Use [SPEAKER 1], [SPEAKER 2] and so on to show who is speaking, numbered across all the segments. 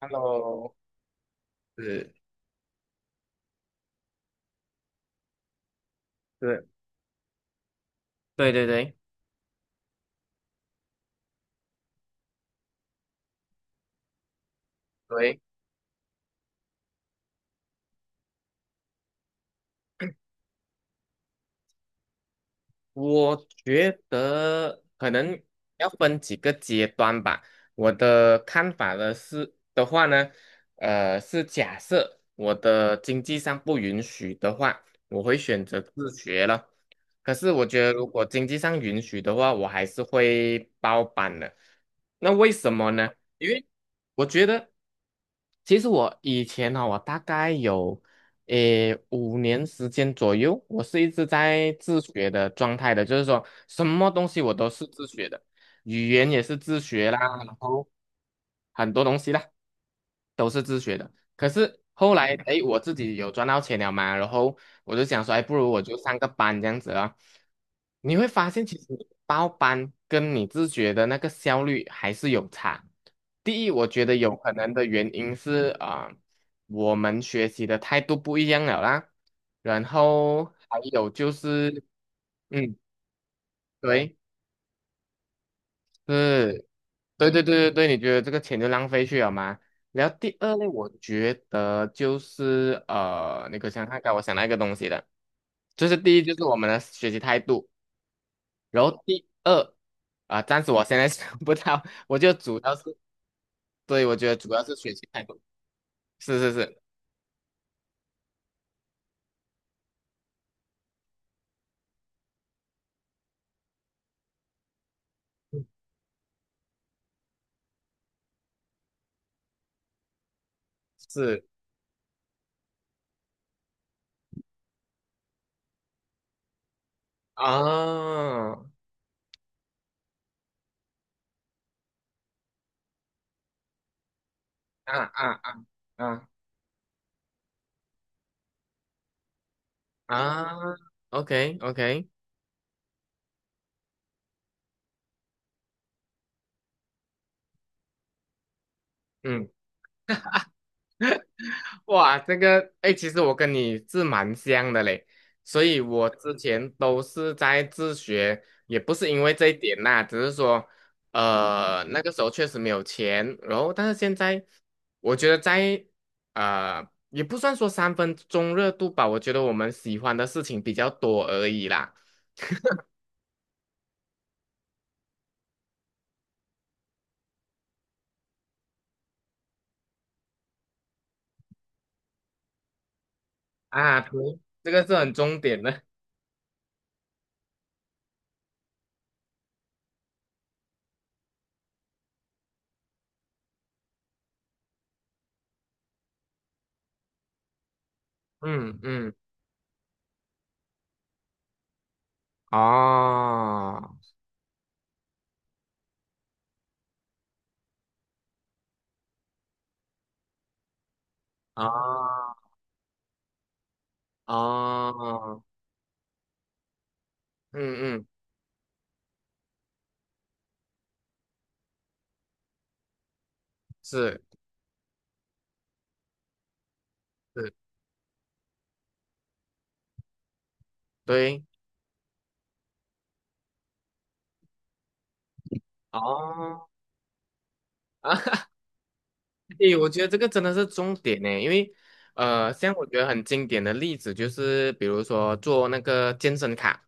[SPEAKER 1] Hello，是是，对对对对对，我觉得可能要分几个阶段吧。我的看法呢是的话呢，是假设我的经济上不允许的话，我会选择自学了。可是我觉得，如果经济上允许的话，我还是会包办的。那为什么呢？因为我觉得，其实我以前呢、我大概有5年时间左右，我是一直在自学的状态的，就是说什么东西我都是自学的，语言也是自学啦，然后很多东西啦。都是自学的。可是后来，哎，我自己有赚到钱了嘛，然后我就想说，哎，不如我就上个班这样子啊。你会发现，其实你报班跟你自学的那个效率还是有差。第一，我觉得有可能的原因是啊、我们学习的态度不一样了啦。然后还有就是，嗯，对。是，对对对对对，你觉得这个钱就浪费去了吗？然后第二类，我觉得就是我想看看，我想到一个东西的，就是第一就是我们的学习态度，然后第二啊、暂时我现在 想不到，我就主要是，对，我觉得主要是学习态度，是是是是啊啊啊啊啊啊，OK OK，嗯。哇，这个，哎，其实我跟你是蛮像的嘞，所以我之前都是在自学，也不是因为这一点啦，只是说，那个时候确实没有钱，然后但是现在，我觉得在，也不算说三分钟热度吧，我觉得我们喜欢的事情比较多而已啦。啊，对，这个是很重点的，嗯嗯，哦，哦，哦，嗯嗯，是是，对。哦，诶，我觉得这个真的是重点呢，因为像我觉得很经典的例子就是，比如说做那个健身卡，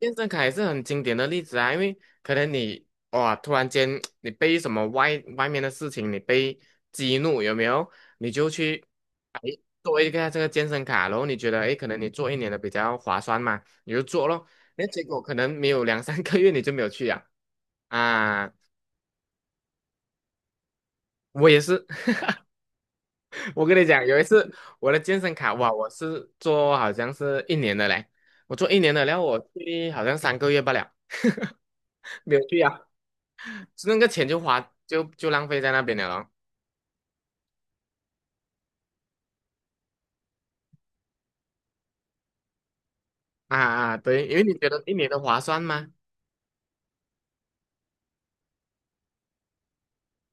[SPEAKER 1] 健身卡也是很经典的例子啊，因为可能你哇，突然间 你被什么外面的事情你被激怒，有没有？你就去哎做一个这个健身卡，然后你觉得哎，诶可能你做一年的比较划算嘛，你就做咯，那结果可能没有两三个月你就没有去啊。啊，我也是，我跟你讲，有一次我的健身卡，哇，我是做好像是一年的嘞，我做一年的，然后我去好像三个月不了，没有去啊，那个钱就花就就浪费在那边了咯。啊啊，啊对，因为你觉得一年的划算吗？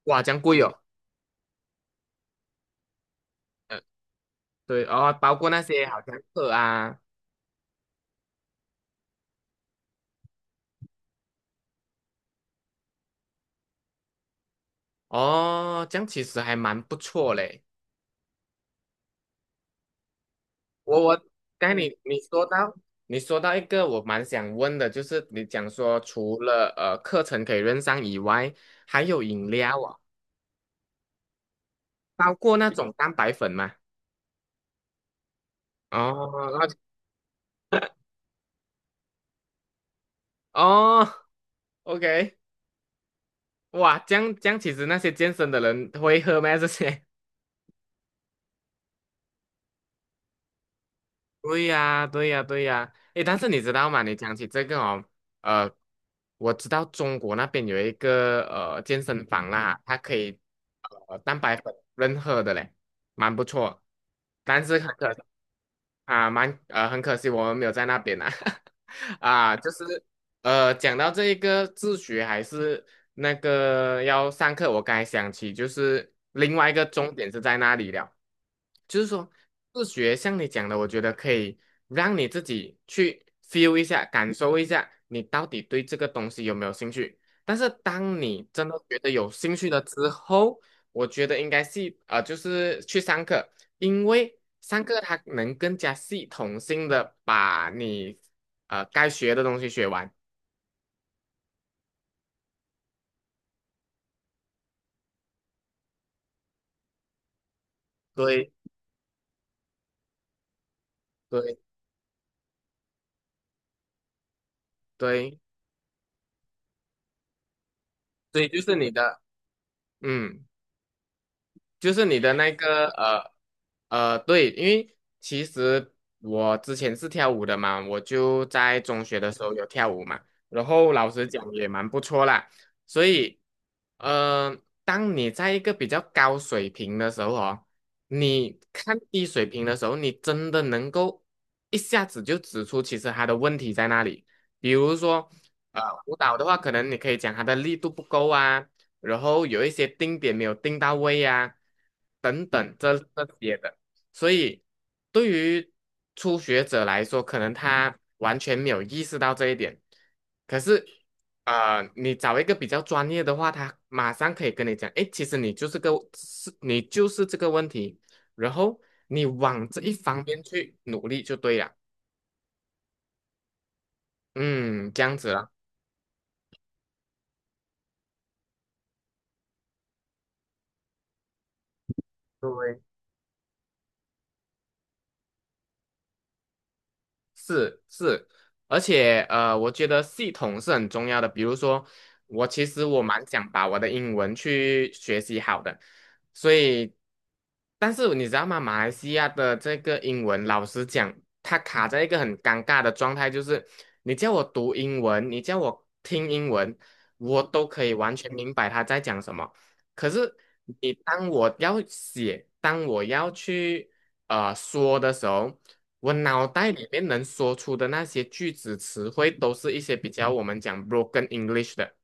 [SPEAKER 1] 哇，这样贵哦。呃，对哦，包括那些好像课啊，哦，这样其实还蛮不错嘞。我刚才你说到一个我蛮想问的，就是你讲说除了课程可以认上以外，还有饮料啊。包过那种蛋白粉吗？哦，那哦，OK，哇，这样这样，其实那些健身的人会喝吗？这些对呀，对呀，对呀。诶，但是你知道吗？你讲起这个哦，呃，我知道中国那边有一个健身房啦，它可以蛋白粉任喝的嘞，蛮不错。但是很可啊，蛮很可惜我们没有在那边啊。啊，就是讲到这一个自学还是那个要上课，我刚才想起就是另外一个重点是在那里了。就是说，自学像你讲的，我觉得可以让你自己去 feel 一下，感受一下，你到底对这个东西有没有兴趣。但是当你真的觉得有兴趣了之后，我觉得应该是就是去上课，因为上课它能更加系统性的把你该学的东西学完。对对对，所以就是你的嗯。就是你的那个对，因为其实我之前是跳舞的嘛，我就在中学的时候有跳舞嘛，然后老实讲也蛮不错啦，所以呃，当你在一个比较高水平的时候哦，你看低水平的时候，你真的能够一下子就指出其实他的问题在哪里，比如说呃舞蹈的话，可能你可以讲他的力度不够啊。然后有一些定点没有定到位呀、等等这些的，所以对于初学者来说，可能他完全没有意识到这一点。可是，你找一个比较专业的话，他马上可以跟你讲，诶，其实你就是这个问题，然后你往这一方面去努力就对了。嗯，这样子了。对是是，而且我觉得系统是很重要的。比如说，我其实蛮想把我的英文去学习好的，所以，但是你知道吗？马来西亚的这个英文，老实讲，它卡在一个很尴尬的状态，就是你叫我读英文，你叫我听英文，我都可以完全明白他在讲什么。可是你当我要写，当我要去说的时候，我脑袋里面能说出的那些句子词汇，都是一些比较我们讲 broken English 的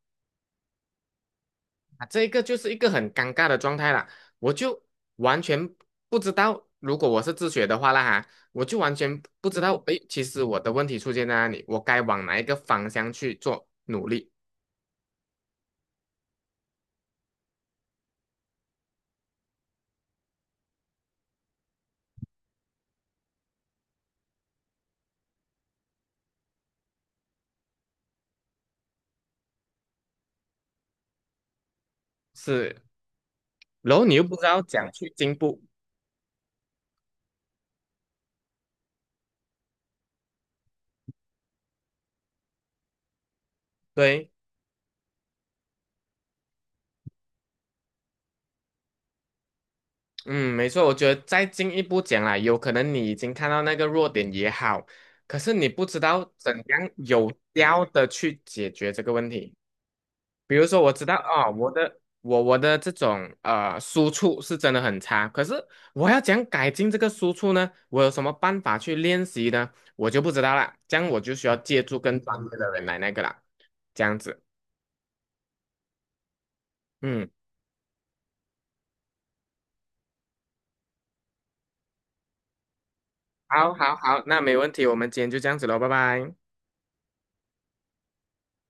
[SPEAKER 1] 啊，这个就是一个很尴尬的状态啦。我就完全不知道，如果我是自学的话啦哈，我就完全不知道，诶，其实我的问题出现在哪里，我该往哪一个方向去做努力是，然后你又不知道讲去进步，对。嗯，没错，我觉得再进一步讲啦，有可能你已经看到那个弱点也好，可是你不知道怎样有效的去解决这个问题。比如说，我知道哦，我的这种输出是真的很差，可是我要怎样改进这个输出呢？我有什么办法去练习呢？我就不知道啦，这样我就需要借助更专业的人来那个啦，这样子。嗯，好，好，好，那没问题，我们今天就这样子喽，拜拜。